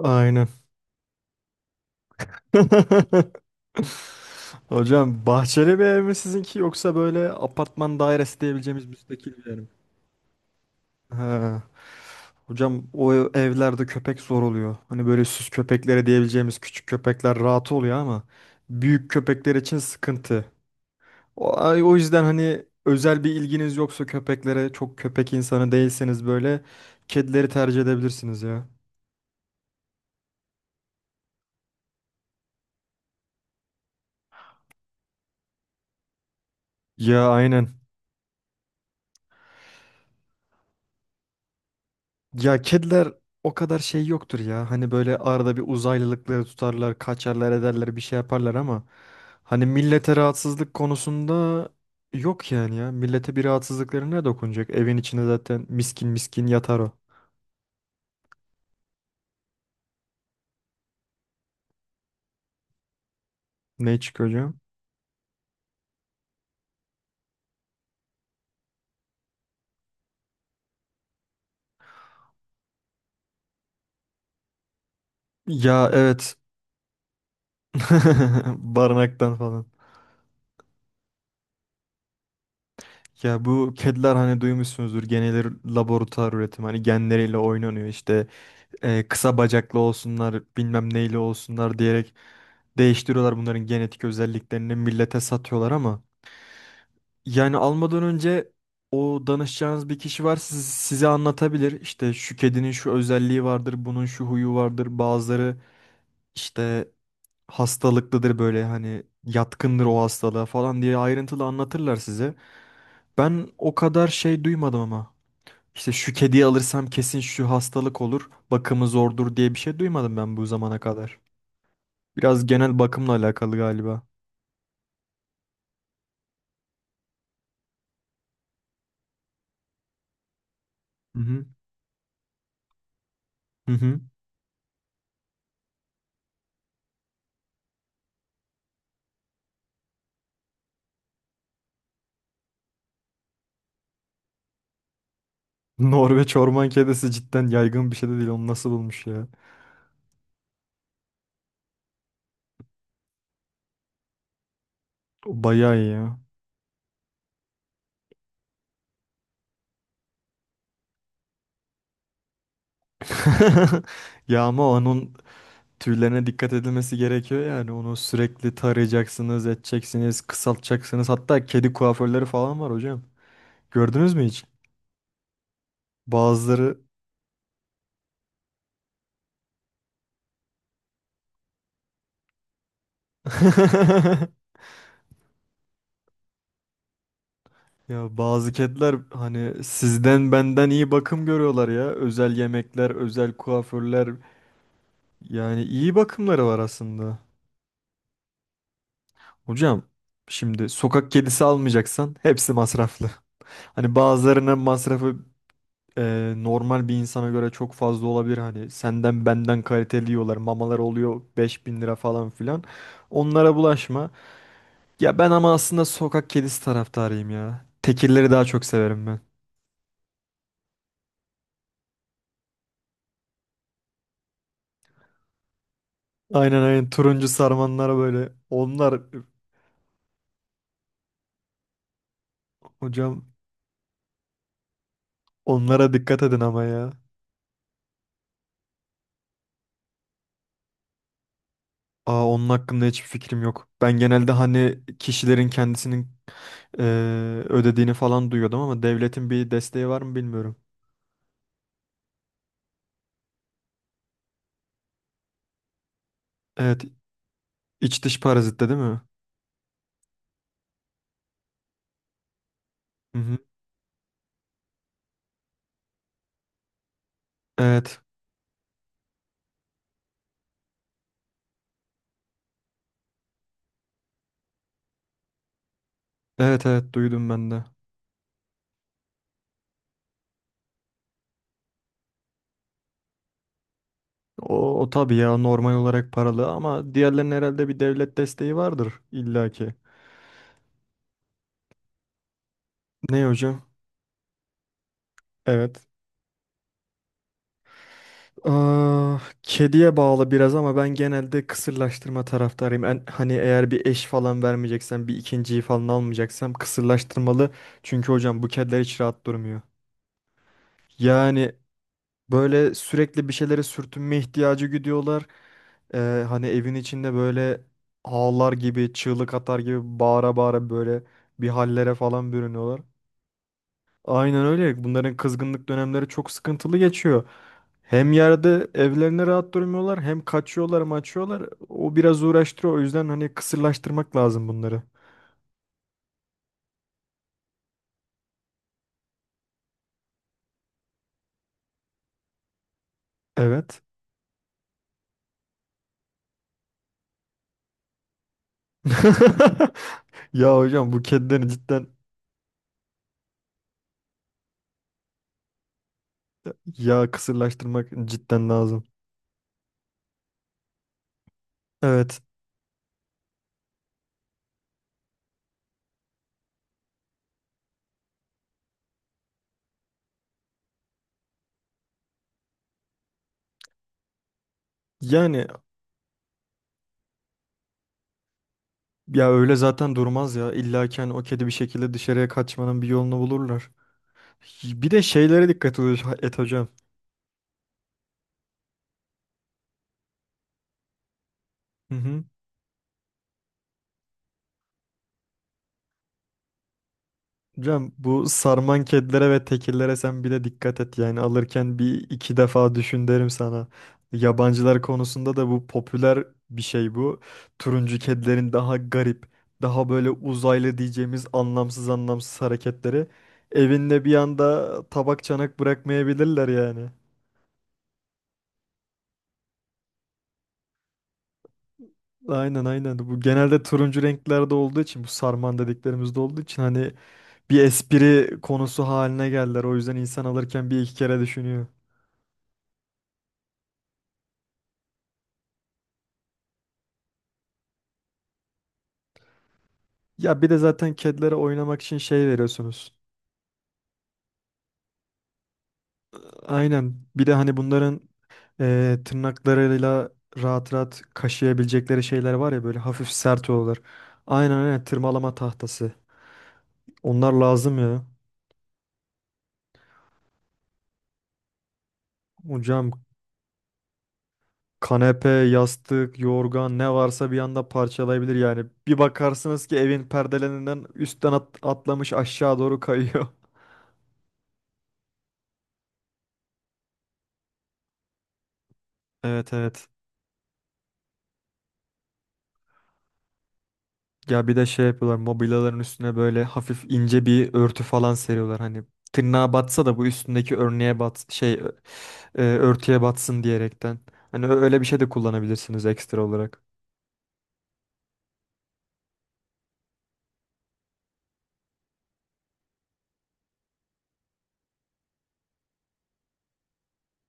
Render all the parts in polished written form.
Aynen. Hocam bahçeli bir ev mi sizinki yoksa böyle apartman dairesi diyebileceğimiz müstakil bir yer mi? Ha. Hocam evlerde köpek zor oluyor. Hani böyle süs köpeklere diyebileceğimiz küçük köpekler rahat oluyor ama büyük köpekler için sıkıntı. O yüzden hani özel bir ilginiz yoksa köpeklere çok köpek insanı değilseniz böyle kedileri tercih edebilirsiniz ya. Ya aynen. Ya kediler o kadar şey yoktur ya. Hani böyle arada bir uzaylılıkları tutarlar, kaçarlar ederler bir şey yaparlar ama hani millete rahatsızlık konusunda yok yani ya. Millete bir rahatsızlıkları ne dokunacak? Evin içinde zaten miskin miskin yatar o. Ne çıkıyor hocam? Ya evet. Barınaktan falan. Ya bu kediler hani duymuşsunuzdur genel laboratuvar üretimi hani genleriyle oynanıyor işte kısa bacaklı olsunlar, bilmem neyli olsunlar diyerek değiştiriyorlar bunların genetik özelliklerini millete satıyorlar ama yani almadan önce o danışacağınız bir kişi var size anlatabilir. İşte şu kedinin şu özelliği vardır, bunun şu huyu vardır. Bazıları işte hastalıklıdır böyle hani yatkındır o hastalığa falan diye ayrıntılı anlatırlar size. Ben o kadar şey duymadım ama. İşte şu kediyi alırsam kesin şu hastalık olur, bakımı zordur diye bir şey duymadım ben bu zamana kadar. Biraz genel bakımla alakalı galiba. Hı hı. Hı hı. Norveç orman kedisi cidden yaygın bir şey de değil. Onu nasıl bulmuş ya? O bayağı iyi ya. Ya ama onun tüylerine dikkat edilmesi gerekiyor yani. Onu sürekli tarayacaksınız, edeceksiniz, kısaltacaksınız. Hatta kedi kuaförleri falan var hocam. Gördünüz mü hiç? Bazıları Ya bazı kediler hani sizden benden iyi bakım görüyorlar ya. Özel yemekler, özel kuaförler yani iyi bakımları var aslında. Hocam şimdi sokak kedisi almayacaksan hepsi masraflı. Hani bazılarının masrafı normal bir insana göre çok fazla olabilir. Hani senden benden kaliteli yiyorlar. Mamalar oluyor 5.000 lira falan filan. Onlara bulaşma. Ya ben ama aslında sokak kedisi taraftarıyım ya. Tekirleri daha çok severim ben. Aynen aynen turuncu sarmanlara böyle. Onlar hocam onlara dikkat edin ama ya. Aa, onun hakkında hiçbir fikrim yok. Ben genelde hani kişilerin kendisinin Ee, ödediğini falan duyuyordum ama devletin bir desteği var mı bilmiyorum. Evet, iç dış parazitte değil mi? Hı hı. Evet. Evet evet duydum ben de. O, o tabii ya normal olarak paralı ama diğerlerinin herhalde bir devlet desteği vardır illaki. Ne hocam? Evet. Aa, kediye bağlı biraz ama ben genelde kısırlaştırma taraftarıyım. En, hani eğer bir eş falan vermeyeceksem, bir ikinciyi falan almayacaksam kısırlaştırmalı. Çünkü hocam bu kediler hiç rahat durmuyor. Yani böyle sürekli bir şeylere sürtünme ihtiyacı güdüyorlar. Hani evin içinde böyle ağlar gibi, çığlık atar gibi bağıra bağıra böyle bir hallere falan bürünüyorlar. Aynen öyle. Bunların kızgınlık dönemleri çok sıkıntılı geçiyor. Hem yerde evlerine rahat durmuyorlar, hem kaçıyorlar, maçıyorlar. O biraz uğraştırıyor. O yüzden hani kısırlaştırmak lazım bunları. Evet. Ya hocam bu kedileri cidden ya kısırlaştırmak cidden lazım. Evet. Yani ya öyle zaten durmaz ya. İlla ki hani o kedi bir şekilde dışarıya kaçmanın bir yolunu bulurlar. Bir de şeylere et hocam. Hı hı. Hocam bu sarman kedilere ve tekirlere sen bir de dikkat et yani alırken bir iki defa düşün derim sana. Yabancılar konusunda da bu popüler bir şey bu. Turuncu kedilerin daha garip, daha böyle uzaylı diyeceğimiz anlamsız anlamsız hareketleri. Evinde bir anda tabak çanak bırakmayabilirler yani. Aynen aynen. Bu genelde turuncu renklerde olduğu için bu sarman dediklerimizde olduğu için hani bir espri konusu haline geldiler. O yüzden insan alırken bir iki kere düşünüyor. Ya bir de zaten kedilere oynamak için şey veriyorsunuz. Aynen. Bir de hani bunların tırnaklarıyla rahat rahat kaşıyabilecekleri şeyler var ya böyle hafif sert olur. Aynen aynen tırmalama tahtası. Onlar lazım ya. Hocam kanepe, yastık, yorgan ne varsa bir anda parçalayabilir yani. Bir bakarsınız ki evin perdelerinden üstten atlamış aşağı doğru kayıyor. Evet evet. Ya bir de şey yapıyorlar mobilyaların üstüne böyle hafif ince bir örtü falan seriyorlar. Hani tırnağa batsa da bu üstündeki örneğe örtüye batsın diyerekten. Hani öyle bir şey de kullanabilirsiniz ekstra olarak.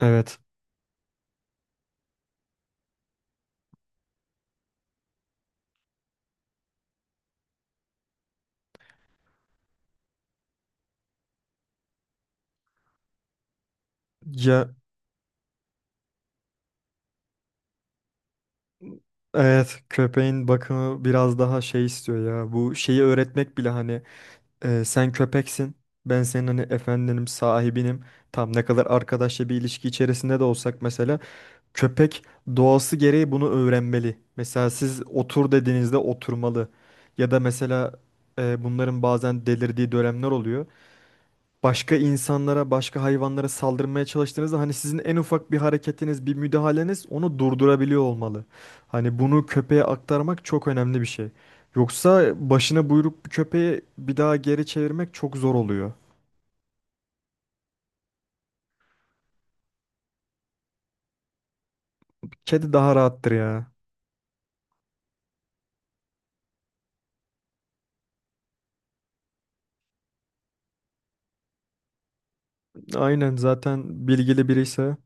Evet. Ya evet köpeğin bakımı biraz daha şey istiyor ya. Bu şeyi öğretmek bile hani sen köpeksin. Ben senin hani efendinim, sahibinim. Tam ne kadar arkadaşça bir ilişki içerisinde de olsak mesela köpek doğası gereği bunu öğrenmeli. Mesela siz otur dediğinizde oturmalı. Ya da mesela bunların bazen delirdiği dönemler oluyor başka insanlara, başka hayvanlara saldırmaya çalıştığınızda hani sizin en ufak bir hareketiniz, bir müdahaleniz onu durdurabiliyor olmalı. Hani bunu köpeğe aktarmak çok önemli bir şey. Yoksa başına buyruk bir köpeği bir daha geri çevirmek çok zor oluyor. Kedi daha rahattır ya. Aynen zaten bilgili biriyse.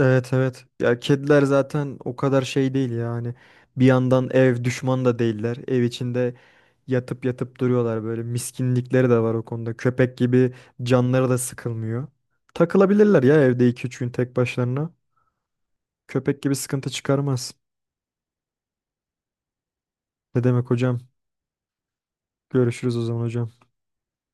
Evet evet. Ya kediler zaten o kadar şey değil yani. Bir yandan ev düşman da değiller. Ev içinde yatıp yatıp duruyorlar böyle. Miskinlikleri de var o konuda. Köpek gibi canları da sıkılmıyor. Takılabilirler ya evde 2-3 gün tek başlarına. Köpek gibi sıkıntı çıkarmaz. Ne demek hocam? Görüşürüz o zaman hocam.